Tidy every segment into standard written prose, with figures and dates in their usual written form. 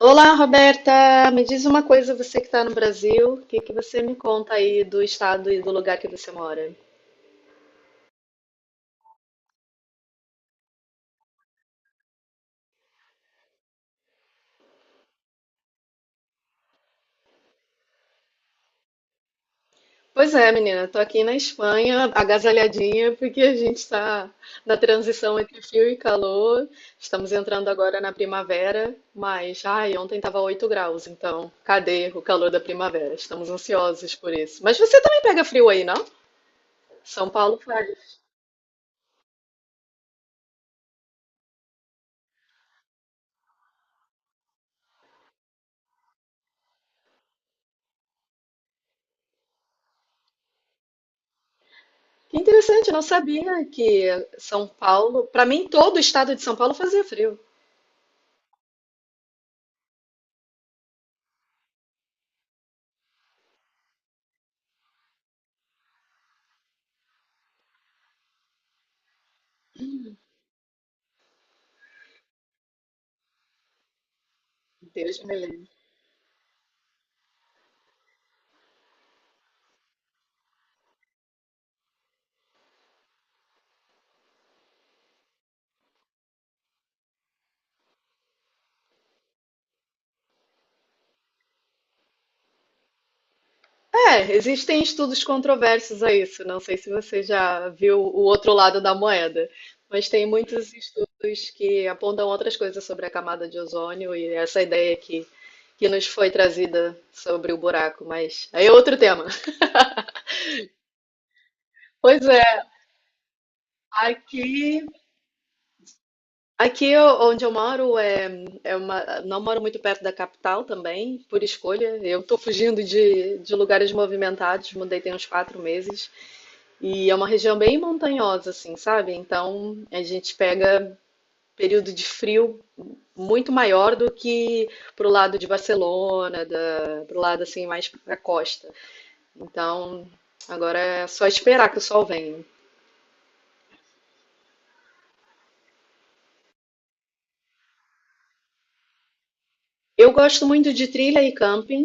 Olá, Roberta! Me diz uma coisa, você que está no Brasil, o que que você me conta aí do estado e do lugar que você mora? Pois é, menina, tô aqui na Espanha, agasalhadinha, porque a gente está na transição entre frio e calor. Estamos entrando agora na primavera, mas, ai, ontem estava 8 graus, então, cadê o calor da primavera? Estamos ansiosos por isso. Mas você também pega frio aí, não? São Paulo faz. Que interessante, eu não sabia que São Paulo, para mim todo o estado de São Paulo fazia frio. Deus me livre. É, existem estudos controversos a isso. Não sei se você já viu o outro lado da moeda, mas tem muitos estudos que apontam outras coisas sobre a camada de ozônio e essa ideia que nos foi trazida sobre o buraco. Mas aí é outro tema. Pois é, aqui onde eu moro é, é uma, não moro muito perto da capital também, por escolha. Eu estou fugindo de lugares movimentados, mudei tem uns 4 meses. E é uma região bem montanhosa, assim, sabe? Então a gente pega período de frio muito maior do que pro lado de Barcelona, da, pro lado assim mais pra costa. Então agora é só esperar que o sol venha. Eu gosto muito de trilha e camping.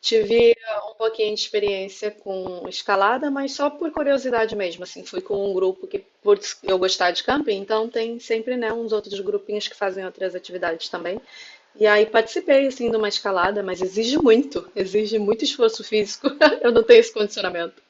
Tive um pouquinho de experiência com escalada, mas só por curiosidade mesmo, assim, fui com um grupo que, por eu gostar de camping, então tem sempre, né, uns outros grupinhos que fazem outras atividades também. E aí participei, assim, de uma escalada, mas exige muito esforço físico. Eu não tenho esse condicionamento.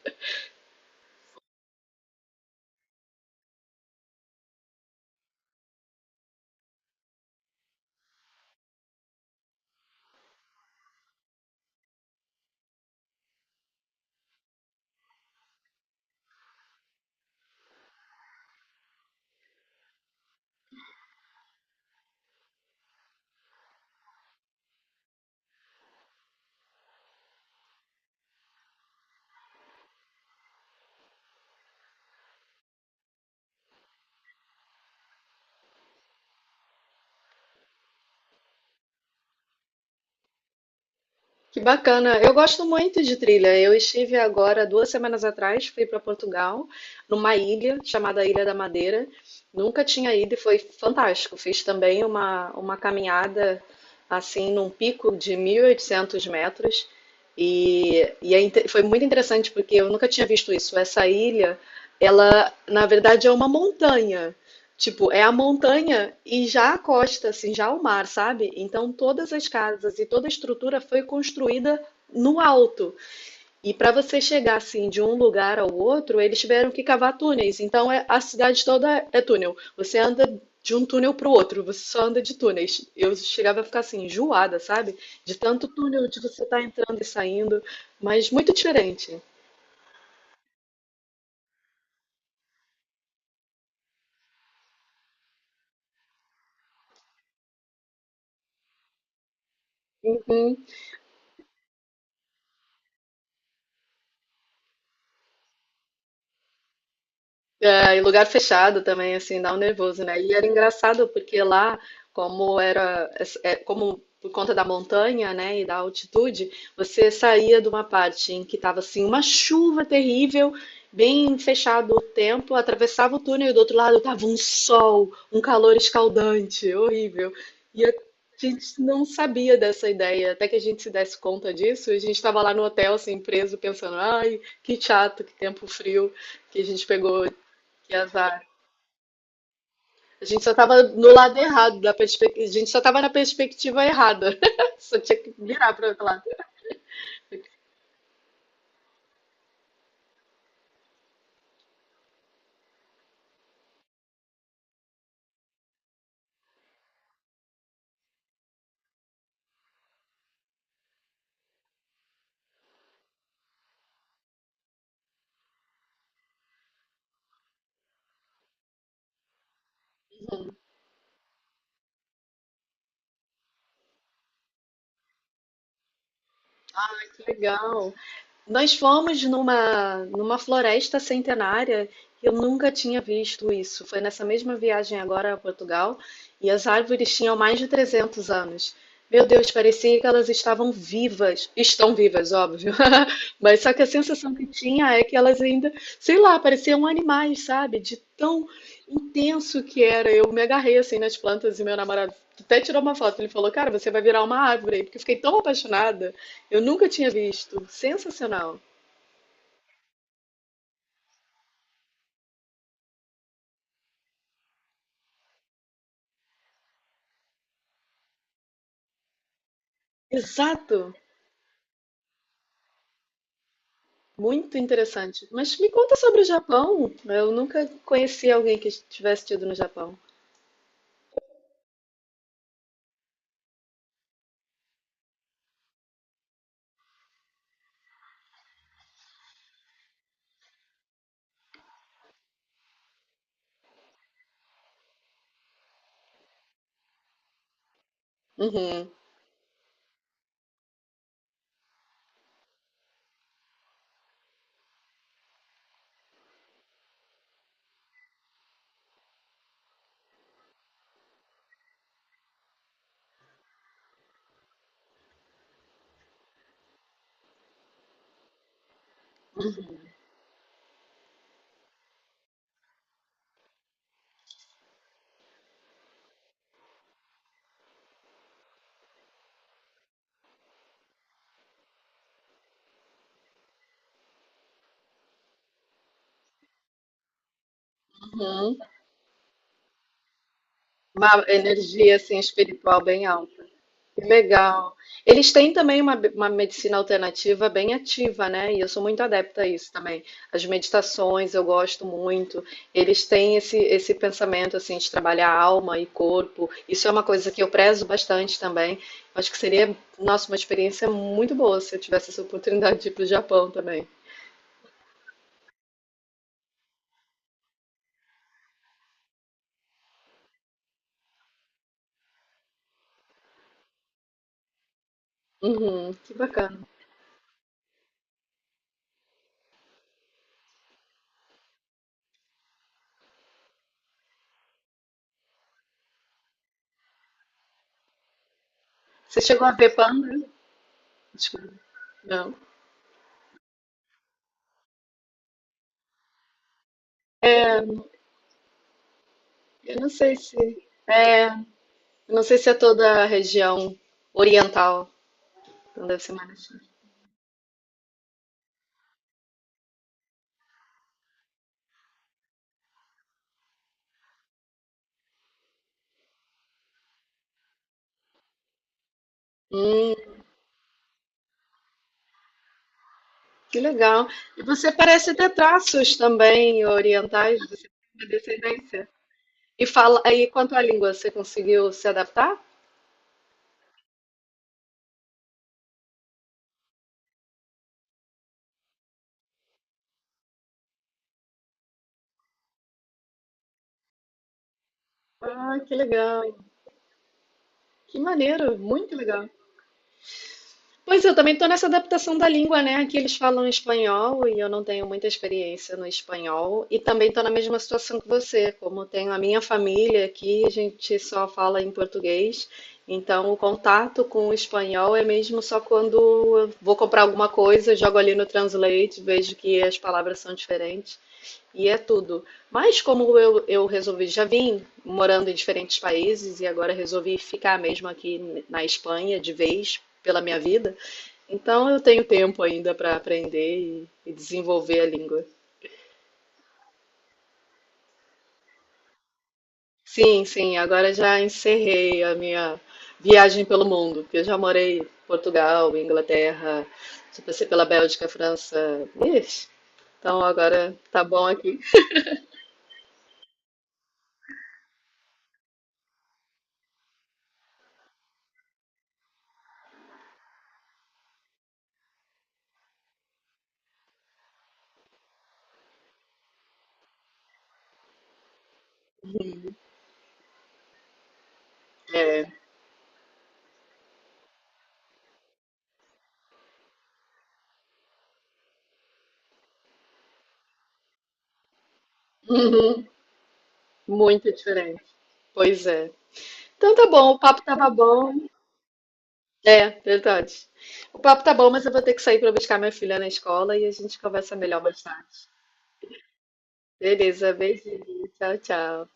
Que bacana. Eu gosto muito de trilha. Eu estive agora, 2 semanas atrás, fui para Portugal, numa ilha chamada Ilha da Madeira. Nunca tinha ido e foi fantástico. Fiz também uma caminhada, assim, num pico de 1.800 metros. Foi muito interessante porque eu nunca tinha visto isso. Essa ilha, ela, na verdade, é uma montanha. Tipo, é a montanha e já a costa, assim, já o mar, sabe? Então todas as casas e toda a estrutura foi construída no alto. E para você chegar assim de um lugar ao outro, eles tiveram que cavar túneis. A cidade toda é túnel. Você anda de um túnel para o outro, você só anda de túneis. Eu chegava a ficar assim enjoada, sabe? De tanto túnel de você estar entrando e saindo, mas muito diferente. É, e lugar fechado também, assim, dá um nervoso, né? E era engraçado porque lá, como era, é, como por conta da montanha, né, e da altitude, você saía de uma parte em que estava assim uma chuva terrível, bem fechado o tempo, atravessava o túnel e do outro lado tava um sol, um calor escaldante, horrível. E a gente não sabia dessa ideia, até que a gente se desse conta disso, e a gente estava lá no hotel, assim, preso, pensando, ai, que chato, que tempo frio que a gente pegou que azar. A gente só tava no lado errado da perspectiva. A gente só tava na perspectiva errada. Só tinha que virar para outro lado. Que legal. Nós fomos numa floresta centenária, eu nunca tinha visto isso. Foi nessa mesma viagem agora a Portugal, e as árvores tinham mais de 300 anos. Meu Deus, parecia que elas estavam vivas. Estão vivas, óbvio. Mas só que a sensação que tinha é que elas ainda, sei lá, pareciam animais, sabe? De tão intenso que era. Eu me agarrei assim nas plantas e meu namorado até tirou uma foto. Ele falou: Cara, você vai virar uma árvore aí, porque eu fiquei tão apaixonada. Eu nunca tinha visto. Sensacional. Exato. Muito interessante. Mas me conta sobre o Japão. Eu nunca conheci alguém que tivesse tido no Japão. Uhum, uhum. Uma energia assim espiritual bem alta. Que legal. Eles têm também uma medicina alternativa bem ativa, né? E eu sou muito adepta a isso também. As meditações eu gosto muito. Eles têm esse pensamento assim de trabalhar alma e corpo. Isso é uma coisa que eu prezo bastante também. Acho que seria, nossa, uma experiência muito boa se eu tivesse essa oportunidade de ir para o Japão também. Uhum, que bacana. Você chegou a ver panda? Desculpa. Não. Eu não sei se, eu não sei se é toda a região oriental. Então deve ser mais. Assim. Que legal. E você parece ter traços também orientais, você tem descendência. E fala, aí quanto à língua, você conseguiu se adaptar? Ah, que legal. Que maneiro, muito legal. Pois é, eu também estou nessa adaptação da língua, né? Aqui eles falam espanhol e eu não tenho muita experiência no espanhol. E também estou na mesma situação que você, como tenho a minha família aqui, a gente só fala em português. Então o contato com o espanhol é mesmo só quando eu vou comprar alguma coisa, jogo ali no Translate, vejo que as palavras são diferentes e é tudo. Mas como eu resolvi, já vim morando em diferentes países e agora resolvi ficar mesmo aqui na Espanha de vez pela minha vida. Então eu tenho tempo ainda para aprender e desenvolver a língua. Sim, sim, agora já encerrei a minha viagem pelo mundo, porque eu já morei em Portugal, Inglaterra, já passei pela Bélgica, França. Ixi, então agora tá bom aqui. É, uhum, muito diferente. Pois é. Então tá bom, o papo tava bom. É, verdade. O papo tá bom, mas eu vou ter que sair para buscar minha filha na escola e a gente conversa melhor mais tarde. Beleza, beijinho. Tchau, tchau.